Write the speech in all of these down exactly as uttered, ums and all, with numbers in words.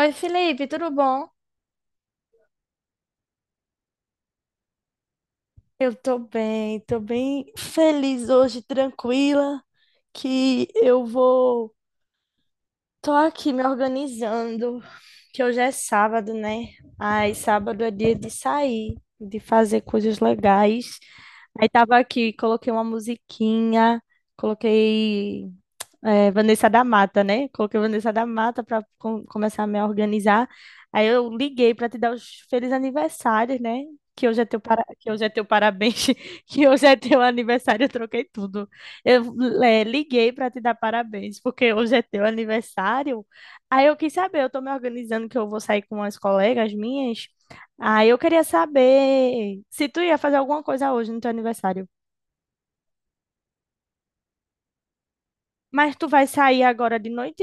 Oi, Felipe, tudo bom? Eu tô bem, tô bem feliz hoje, tranquila, que eu vou. Tô aqui me organizando, que hoje é sábado, né? Aí, sábado é dia de sair, de fazer coisas legais. Aí, tava aqui, coloquei uma musiquinha, coloquei. É, Vanessa da Mata, né? Coloquei Vanessa da Mata para começar a me organizar. Aí eu liguei para te dar os felizes aniversários, né? Que hoje é teu para... que hoje é teu parabéns, que hoje é teu aniversário, eu troquei tudo. Eu é, liguei para te dar parabéns, porque hoje é teu aniversário. Aí eu quis saber, eu tô me organizando que eu vou sair com umas colegas minhas. Aí eu queria saber se tu ia fazer alguma coisa hoje no teu aniversário. Mas tu vai sair agora de noite?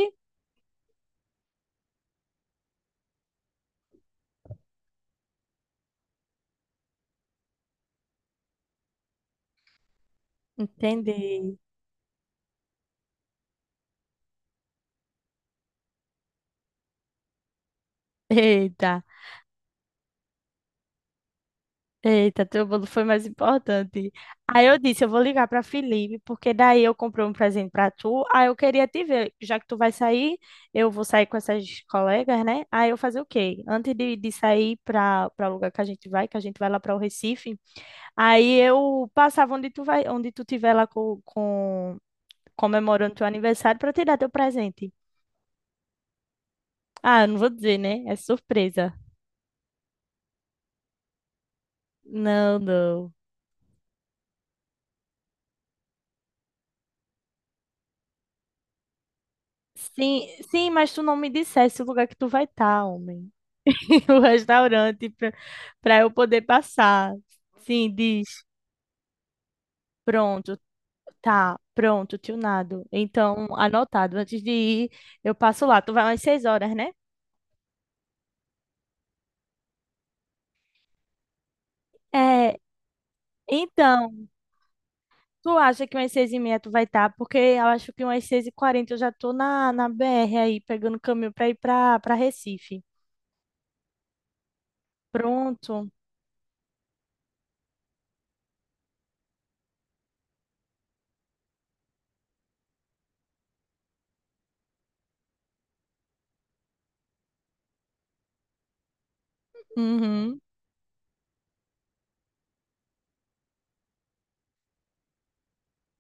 Entendi. Eita, eita, teu bolo foi mais importante. Aí eu disse, eu vou ligar para Felipe, porque daí eu comprei um presente para tu. Aí eu queria te ver, já que tu vai sair, eu vou sair com essas colegas, né? Aí eu fazer o quê? Antes de, de sair para para o lugar que a gente vai, que a gente vai lá para o Recife, aí eu passava onde tu vai, onde tu tiver lá com, com comemorando teu aniversário para te dar teu presente. Ah, não vou dizer, né? É surpresa. Não, não. Sim, sim, mas tu não me dissesse o lugar que tu vai estar, homem. O restaurante pra, pra eu poder passar. Sim, diz. Pronto, tá. Pronto, tunado. Então, anotado. Antes de ir, eu passo lá. Tu vai umas seis horas, né? É, então, tu acha que umas seis e meia tu vai estar? Porque eu acho que umas seis e quarenta eu já tô na, na B R aí, pegando caminho pra ir pra, pra Recife. Pronto. Uhum.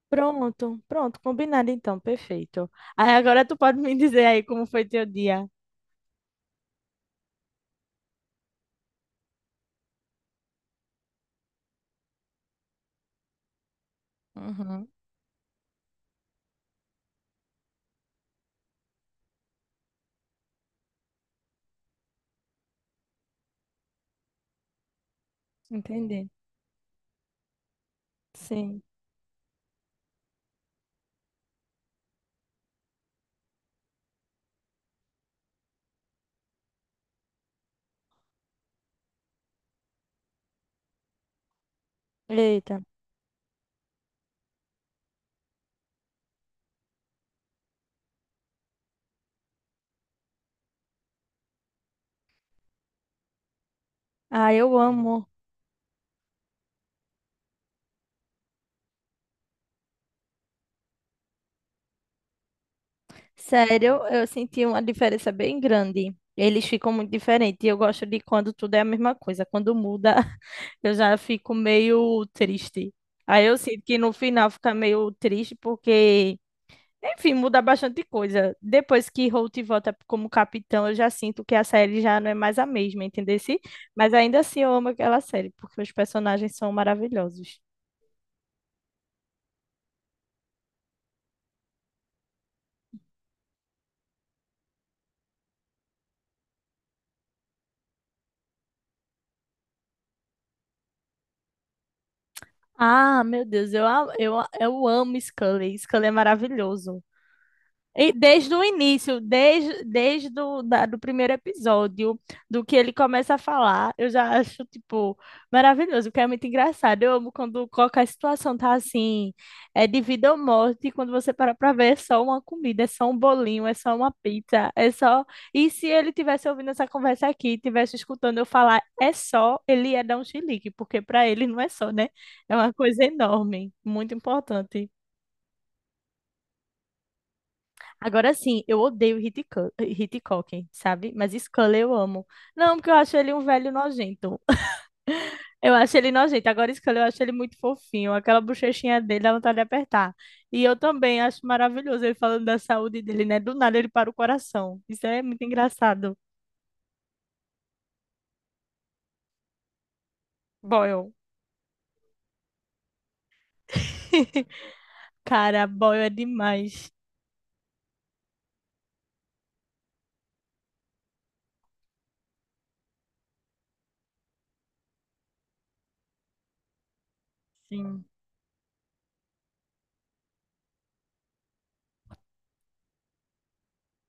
Pronto, pronto, combinado então, perfeito. Aí agora tu pode me dizer aí como foi teu dia. Uhum, entendi. Sim. Eita. Ah, eu amo. Sério, eu senti uma diferença bem grande. Eles ficam muito diferentes. E eu gosto de quando tudo é a mesma coisa. Quando muda, eu já fico meio triste. Aí eu sinto que no final fica meio triste porque enfim, muda bastante coisa. Depois que Holt volta como capitão, eu já sinto que a série já não é mais a mesma, entendeu? Mas ainda assim eu amo aquela série, porque os personagens são maravilhosos. Ah, meu Deus, eu, a- eu, a- eu amo Scully. Scully é maravilhoso. E desde o início, desde, desde do, da- do primeiro episódio, do que ele começa a falar, eu já acho, tipo, maravilhoso, porque é muito engraçado. Eu amo quando qualquer situação tá assim, é de vida ou morte, e quando você para pra ver, é só uma comida, é só um bolinho, é só uma pizza, é só... E se ele tivesse ouvindo essa conversa aqui, tivesse escutando eu falar, é só, ele ia dar um chilique, porque pra ele não é só, né? É uma coisa enorme, muito importante. Agora sim, eu odeio Hitchco- Hitchcock, sabe? Mas Scully eu amo. Não, porque eu acho ele um velho nojento. Eu acho ele nojento. Agora Scully eu acho ele muito fofinho. Aquela bochechinha dele dá vontade de apertar. E eu também acho maravilhoso ele falando da saúde dele, né? Do nada ele para o coração. Isso é muito engraçado. Boyle. Cara, Boyle é demais. Sim.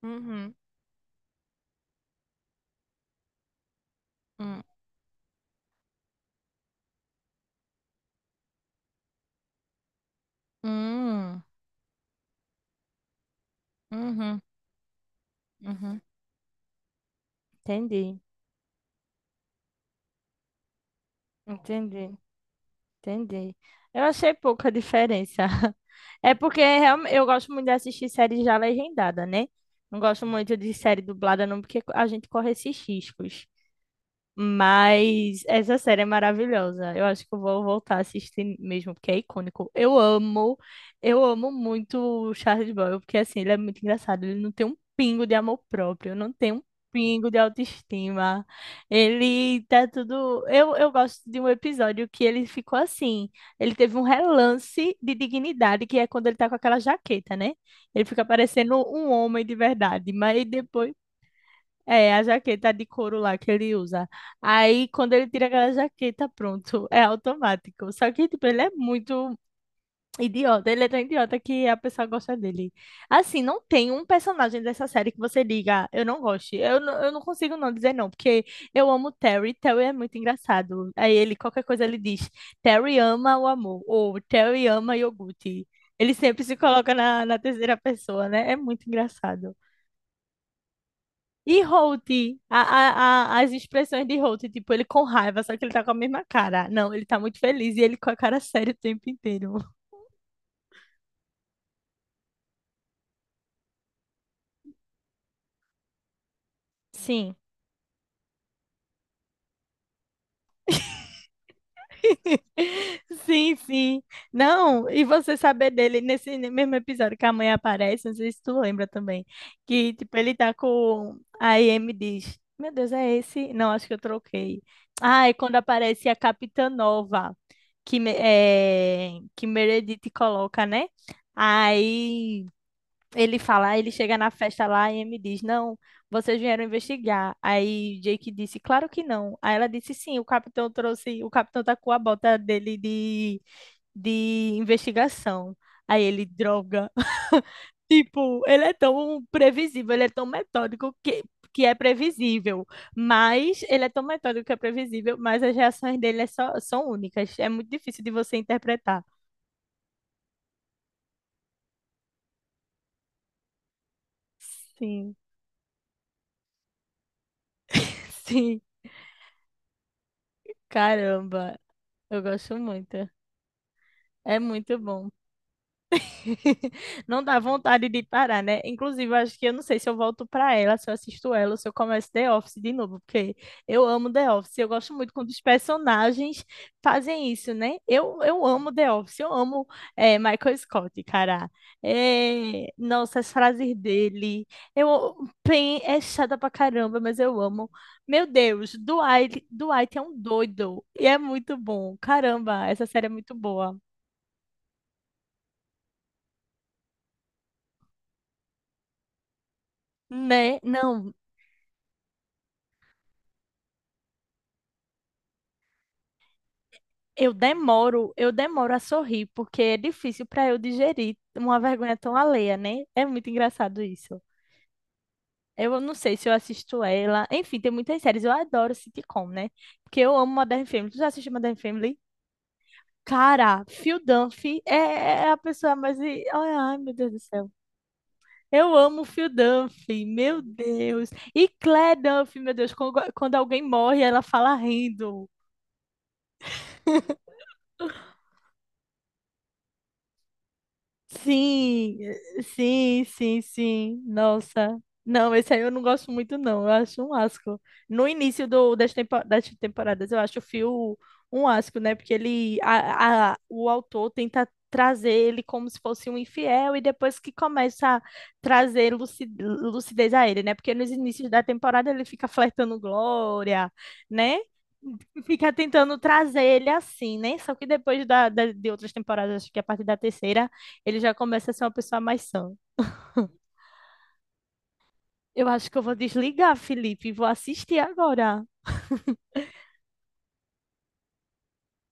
Uhum. Hum. Hum. Uhum. Uhum. Entendi. Entendi. Entendi. Eu achei pouca diferença. É porque realme- eu gosto muito de assistir série já legendada, né? Não gosto muito de série dublada, não, porque a gente corre esses riscos. Mas essa série é maravilhosa. Eu acho que eu vou voltar a assistir mesmo, porque é icônico. Eu amo, eu amo muito o Charles Boyle, porque assim, ele é muito engraçado. Ele não tem um pingo de amor próprio, não tem um pingo de autoestima. Ele tá tudo. Eu, eu gosto de um episódio que ele ficou assim. Ele teve um relance de dignidade, que é quando ele tá com aquela jaqueta, né? Ele fica parecendo um homem de verdade. Mas depois é, a jaqueta de couro lá que ele usa. Aí, quando ele tira aquela jaqueta, pronto, é automático. Só que, tipo, ele é muito idiota. Ele é tão idiota que a pessoa gosta dele. Assim, não tem um personagem dessa série que você diga, eu não gosto. Eu, não- eu não consigo não dizer não, porque eu amo o Terry. Terry é muito engraçado. Aí ele, qualquer coisa, ele diz, Terry ama o amor, ou Terry ama iogurte. Ele sempre se coloca na, na terceira pessoa, né? É muito engraçado. E Holt, a- a- a- as expressões de Holt, tipo, ele com raiva, só que ele tá com a mesma cara. Não, ele tá muito feliz e ele com a cara séria o tempo inteiro. Sim. Sim, sim. Não, e você saber dele nesse mesmo episódio que a mãe aparece, não sei se tu lembra também, que tipo, ele tá com a Amy diz: "Meu Deus, é esse? Não, acho que eu troquei". Ah, e quando aparece a Capitã Nova, que me- é, que Meredith coloca, né? Aí ele fala, "Ah, ele chega na festa lá e me diz, não, vocês vieram investigar. Aí Jake disse, claro que não. Aí ela disse, sim, o capitão trouxe, o capitão tá com a bota dele de, de investigação. Aí ele, droga. Tipo, ele é tão previsível, ele é tão metódico que, que é previsível. Mas ele é tão metódico que é previsível, mas as reações dele é só- são únicas. É muito difícil de você interpretar. Sim, sim. Caramba, eu gosto muito. É muito bom. Não dá vontade de parar, né? Inclusive, eu acho que eu não sei se eu volto para ela, se eu assisto ela, ou se eu começo The Office de novo, porque eu amo The Office. Eu gosto muito quando os personagens fazem isso, né? Eu, eu amo The Office, eu amo é, Michael Scott, cara. É, nossa, as frases dele. Eu, pen é chata pra caramba, mas eu amo. Meu Deus, Dwight, Dwight é um doido. E é muito bom. Caramba, essa série é muito boa. Né? Não, Eu demoro, eu demoro a sorrir, porque é difícil para eu digerir uma vergonha tão alheia, né? É muito engraçado isso. Eu não sei se eu assisto ela. Enfim, tem muitas séries. Eu adoro sitcom, né? Porque eu amo Modern Family. Tu já assistiu Modern Family? Cara, Phil Dunphy é é a pessoa mais. I- Ai, ai, meu Deus do céu. Eu amo Phil Dunphy, meu Deus. E Claire Dunphy, meu Deus, quando quando alguém morre, ela fala rindo. Sim, eh, sim, sim, sim. Nossa. Não, esse aí eu não gosto muito, não. Eu acho um asco. No início do, das, tempo- das temporadas, eu acho o Phil um asco, né? Porque ele, a, a- o autor tenta trazer ele como se fosse um infiel e depois que começa a trazer luci- lucidez a ele, né? Porque nos inícios da temporada ele fica flertando Glória, né? Fica tentando trazer ele assim, né? Só que depois da, da- de outras temporadas, acho que a partir da terceira. Ele já começa a ser uma pessoa mais sã. Eu acho que eu vou desligar, Felipe, e vou assistir agora.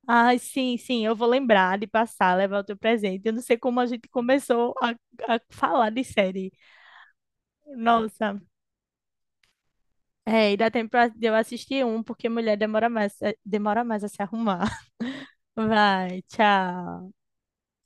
Ah, sim, sim, eu vou lembrar de passar, levar o teu presente. Eu não sei como a gente começou a, a falar de série. Nossa, é, e dá tempo pra- de eu assistir um, porque mulher demora mais, é, demora mais a se arrumar. Vai, tchau.